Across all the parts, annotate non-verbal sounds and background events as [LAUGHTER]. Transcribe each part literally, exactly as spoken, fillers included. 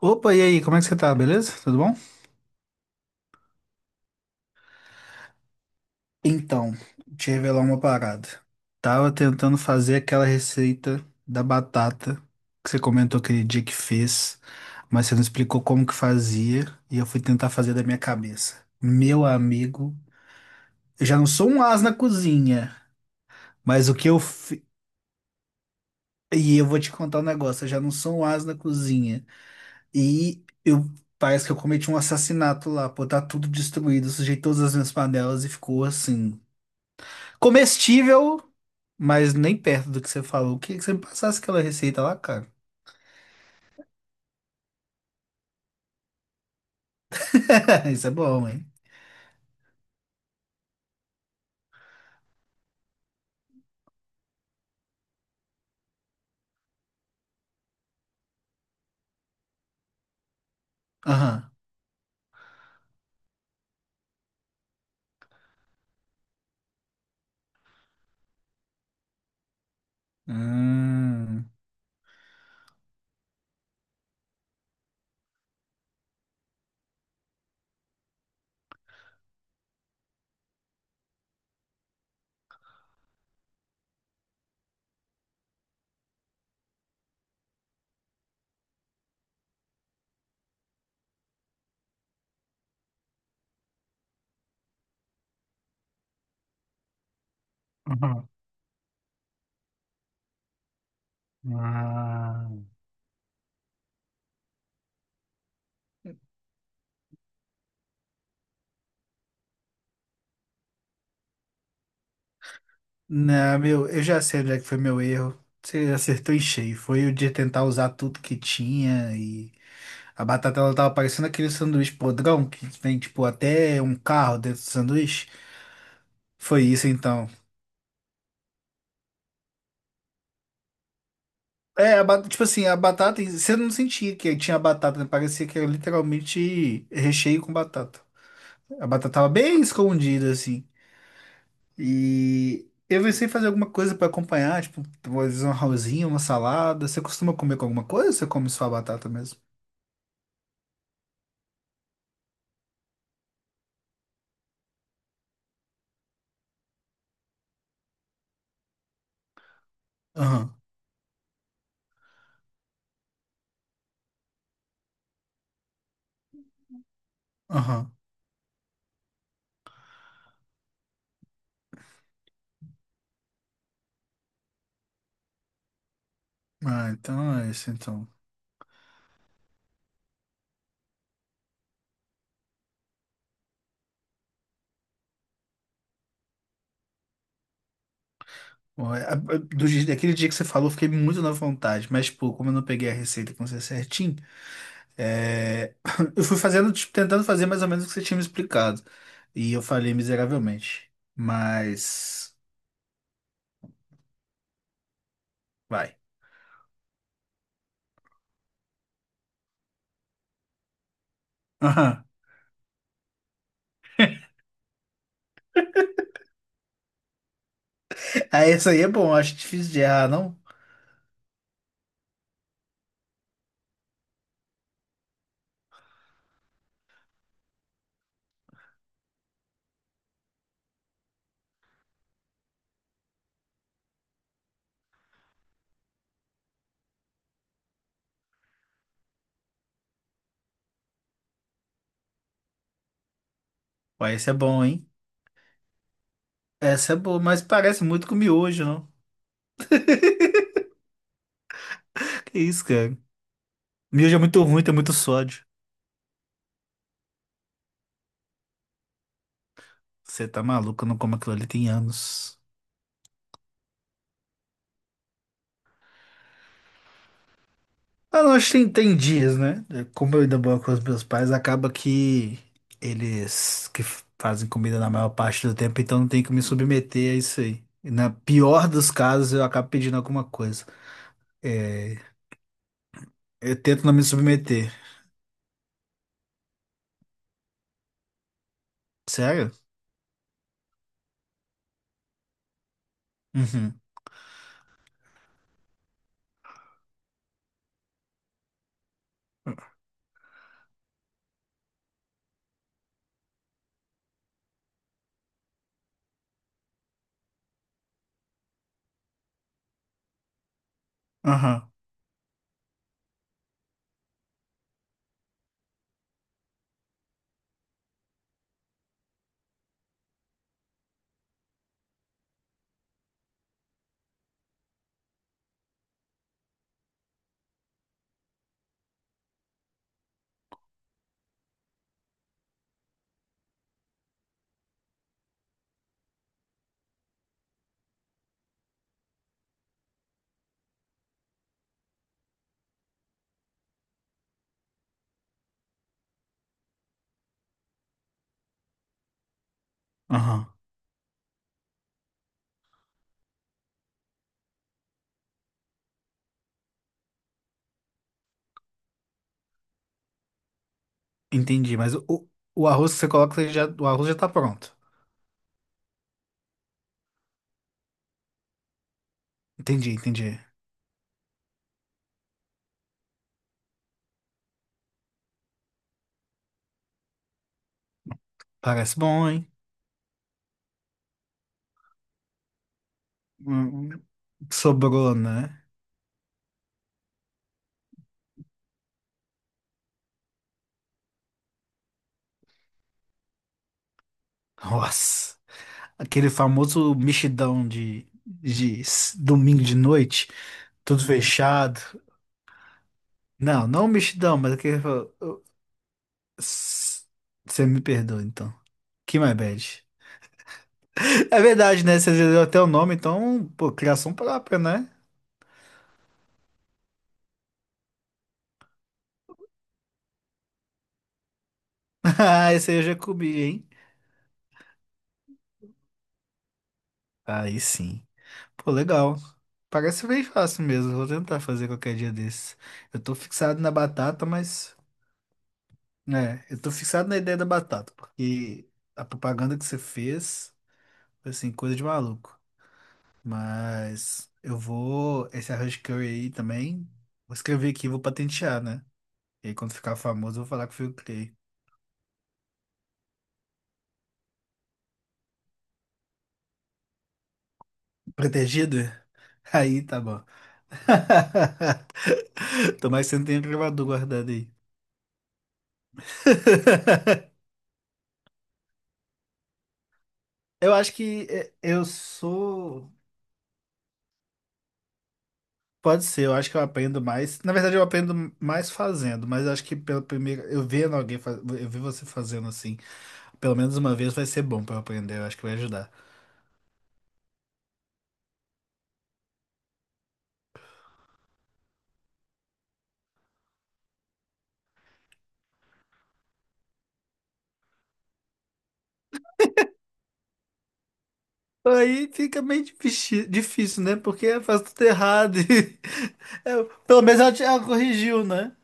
Opa, e aí, como é que você tá? Beleza? Tudo bom? Então, te revelar uma parada. Tava tentando fazer aquela receita da batata que você comentou aquele dia que fez, mas você não explicou como que fazia e eu fui tentar fazer da minha cabeça. Meu amigo, eu já não sou um as na cozinha, mas o que eu fi... E eu vou te contar um negócio, eu já não sou um as na cozinha. E eu parece que eu cometi um assassinato lá, pô, tá tudo destruído, sujei todas as minhas panelas e ficou assim. Comestível, mas nem perto do que você falou. Queria que você me passasse aquela receita lá, cara. [LAUGHS] Isso é bom, hein? Aham. Hum. Uhum. Ah. Não, meu, eu já sei onde é que foi meu erro. Você acertou em cheio. Foi o de tentar usar tudo que tinha e a batata ela tava parecendo aquele sanduíche podrão que vem tipo até um carro dentro do sanduíche. Foi isso então. É, a ba- tipo assim, a batata, você não sentia que tinha batata, né? Parecia que era literalmente recheio com batata. A batata tava bem escondida, assim. E eu pensei em fazer alguma coisa pra acompanhar, tipo, às vezes um arrozinho, uma salada. Você costuma comer com alguma coisa ou você come só a batata mesmo? Aham, aham. Ah, então é isso, então. Bom, é- a- a- Do, dia- daquele dia que você falou, eu fiquei muito na vontade, mas, tipo, como eu não peguei a receita com você certinho. É, [COUGHS] [LAUGHS] Eu fui fazendo, tipo, tentando fazer mais ou menos o que você tinha me explicado. E eu falhei miseravelmente. Mas. Vai. [LAUGHS] Aham. Ah, essa aí é bom, acho difícil de errar, não? Ué, essa é bom, hein? Essa é boa, mas parece muito com miojo, não? [LAUGHS] Que isso, cara? Miojo é muito ruim, tem muito sódio. Você tá maluco, eu não como aquilo ali tem anos. Ah, não, acho que tem, tem dias, né? É, como eu ainda moro com os meus pais, acaba que eles que f- fazem comida na maior parte do tempo, então não tem que me submeter a isso aí. E na pior dos casos, eu acabo pedindo alguma coisa. É, eu tento não me submeter. Sério? Uhum. Aham. Aham. Entendi, mas o, o arroz que você coloca, ele já, o arroz já tá pronto. Entendi, entendi. Parece bom, hein? Hum, hum. Sobrou, né? Nossa. Aquele famoso mexidão de, de s- domingo de noite, tudo fechado. Não, não mexidão, mas aquele. Fa- s- Você me perdoa, então. Que my bad. [LAUGHS] É verdade, né? Você já deu até o nome, então, pô, criação própria, né? [LAUGHS] Ah, esse aí eu já comi, hein? Aí sim. Pô, legal. Parece bem fácil mesmo. Vou tentar fazer qualquer dia desses. Eu tô fixado na batata, mas. É, eu tô fixado na ideia da batata, porque a propaganda que você fez. Assim, coisa de maluco. Mas eu vou. Esse arroz de curry aí também. Vou escrever aqui e vou patentear, né? E aí, quando ficar famoso, eu vou falar que fui eu que criei. Protegido? [LAUGHS] Aí tá bom. [LAUGHS] Tomara que você não tenha gravador guardado aí. [LAUGHS] Eu acho que é, eu sou. Pode ser, eu acho que eu aprendo mais. Na verdade, eu aprendo mais fazendo, mas eu acho que pela primeira. Eu vendo alguém, faz... eu vi você fazendo assim, pelo menos uma vez vai ser bom pra eu aprender, eu acho que vai ajudar. Aí fica meio difícil, difícil, né? Porque faz tudo errado. E- [LAUGHS] Eu- pelo menos ela, te- ela corrigiu, né?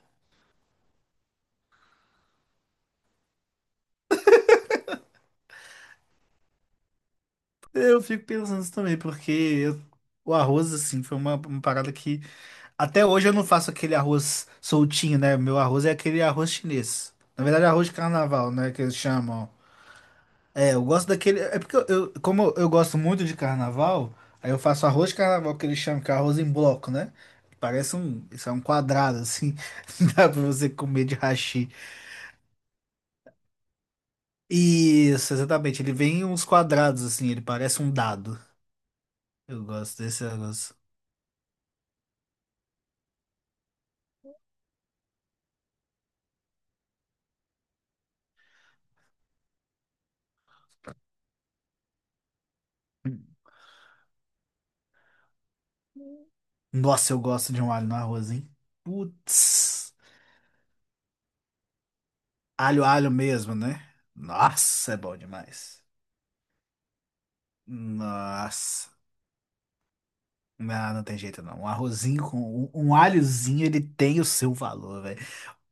Eu fico pensando isso também, porque eu- o arroz, assim, foi uma, uma parada que. Até hoje eu não faço aquele arroz soltinho, né? Meu arroz é aquele arroz chinês. Na verdade, arroz de carnaval, né? Que eles chamam. É, eu gosto daquele. É porque eu, eu- como eu, eu gosto muito de carnaval, aí eu faço arroz de carnaval que eles chamam que é arroz em bloco, né? Parece um, isso é um quadrado assim, [LAUGHS] dá pra você comer de hashi. Isso, exatamente. Ele vem em uns quadrados assim, ele parece um dado. Eu gosto desse negócio. Nossa, eu gosto de um alho no arroz, hein? Putz, alho, alho mesmo, né? Nossa, é bom demais. Nossa. Não, não tem jeito não. Um arrozinho com um, um alhozinho, ele tem o seu valor, velho.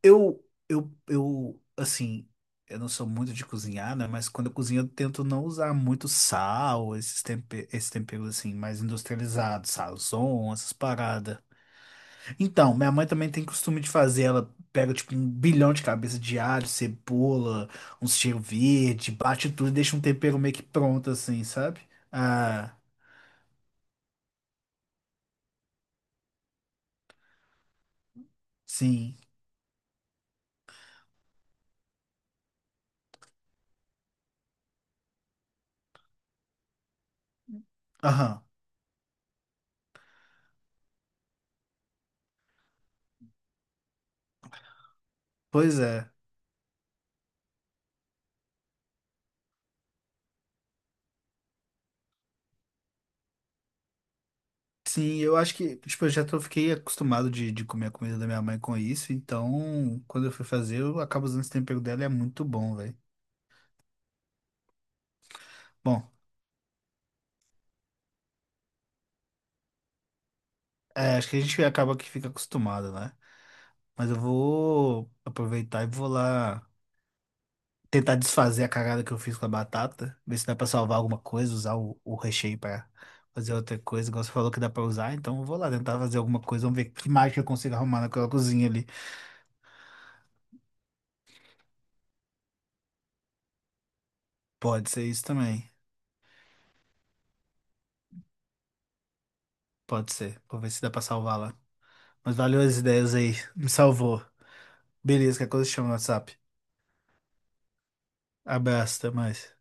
Eu, eu, eu, assim, eu não sou muito de cozinhar, né? Mas quando eu cozinho, eu tento não usar muito sal, esses tempe- esses temperos, assim, mais industrializados, sazon, essas paradas. Então, minha mãe também tem costume de fazer. Ela pega, tipo, um bilhão de cabeça de alho, cebola, uns cheiro verde, bate tudo e deixa um tempero meio que pronto, assim, sabe? Ah, sim. Aham. Pois é. Sim, eu acho que, tipo, eu já tô, fiquei acostumado de, de comer a comida da minha mãe com isso, então quando eu fui fazer, eu acabo usando esse tempero dela e é muito bom, velho. Bom, é, acho que a gente acaba que fica acostumado, né? Mas eu vou aproveitar e vou lá tentar desfazer a cagada que eu fiz com a batata, ver se dá pra salvar alguma coisa, usar o, o recheio pra fazer outra coisa, igual você falou que dá pra usar, então eu vou lá tentar fazer alguma coisa, vamos ver que mágica eu consigo arrumar naquela cozinha ali. Pode ser isso também, pode ser, vou ver se dá pra salvar lá. Mas valeu as ideias aí. Me salvou. Beleza, que coisa chama no WhatsApp. Abraço, até mais.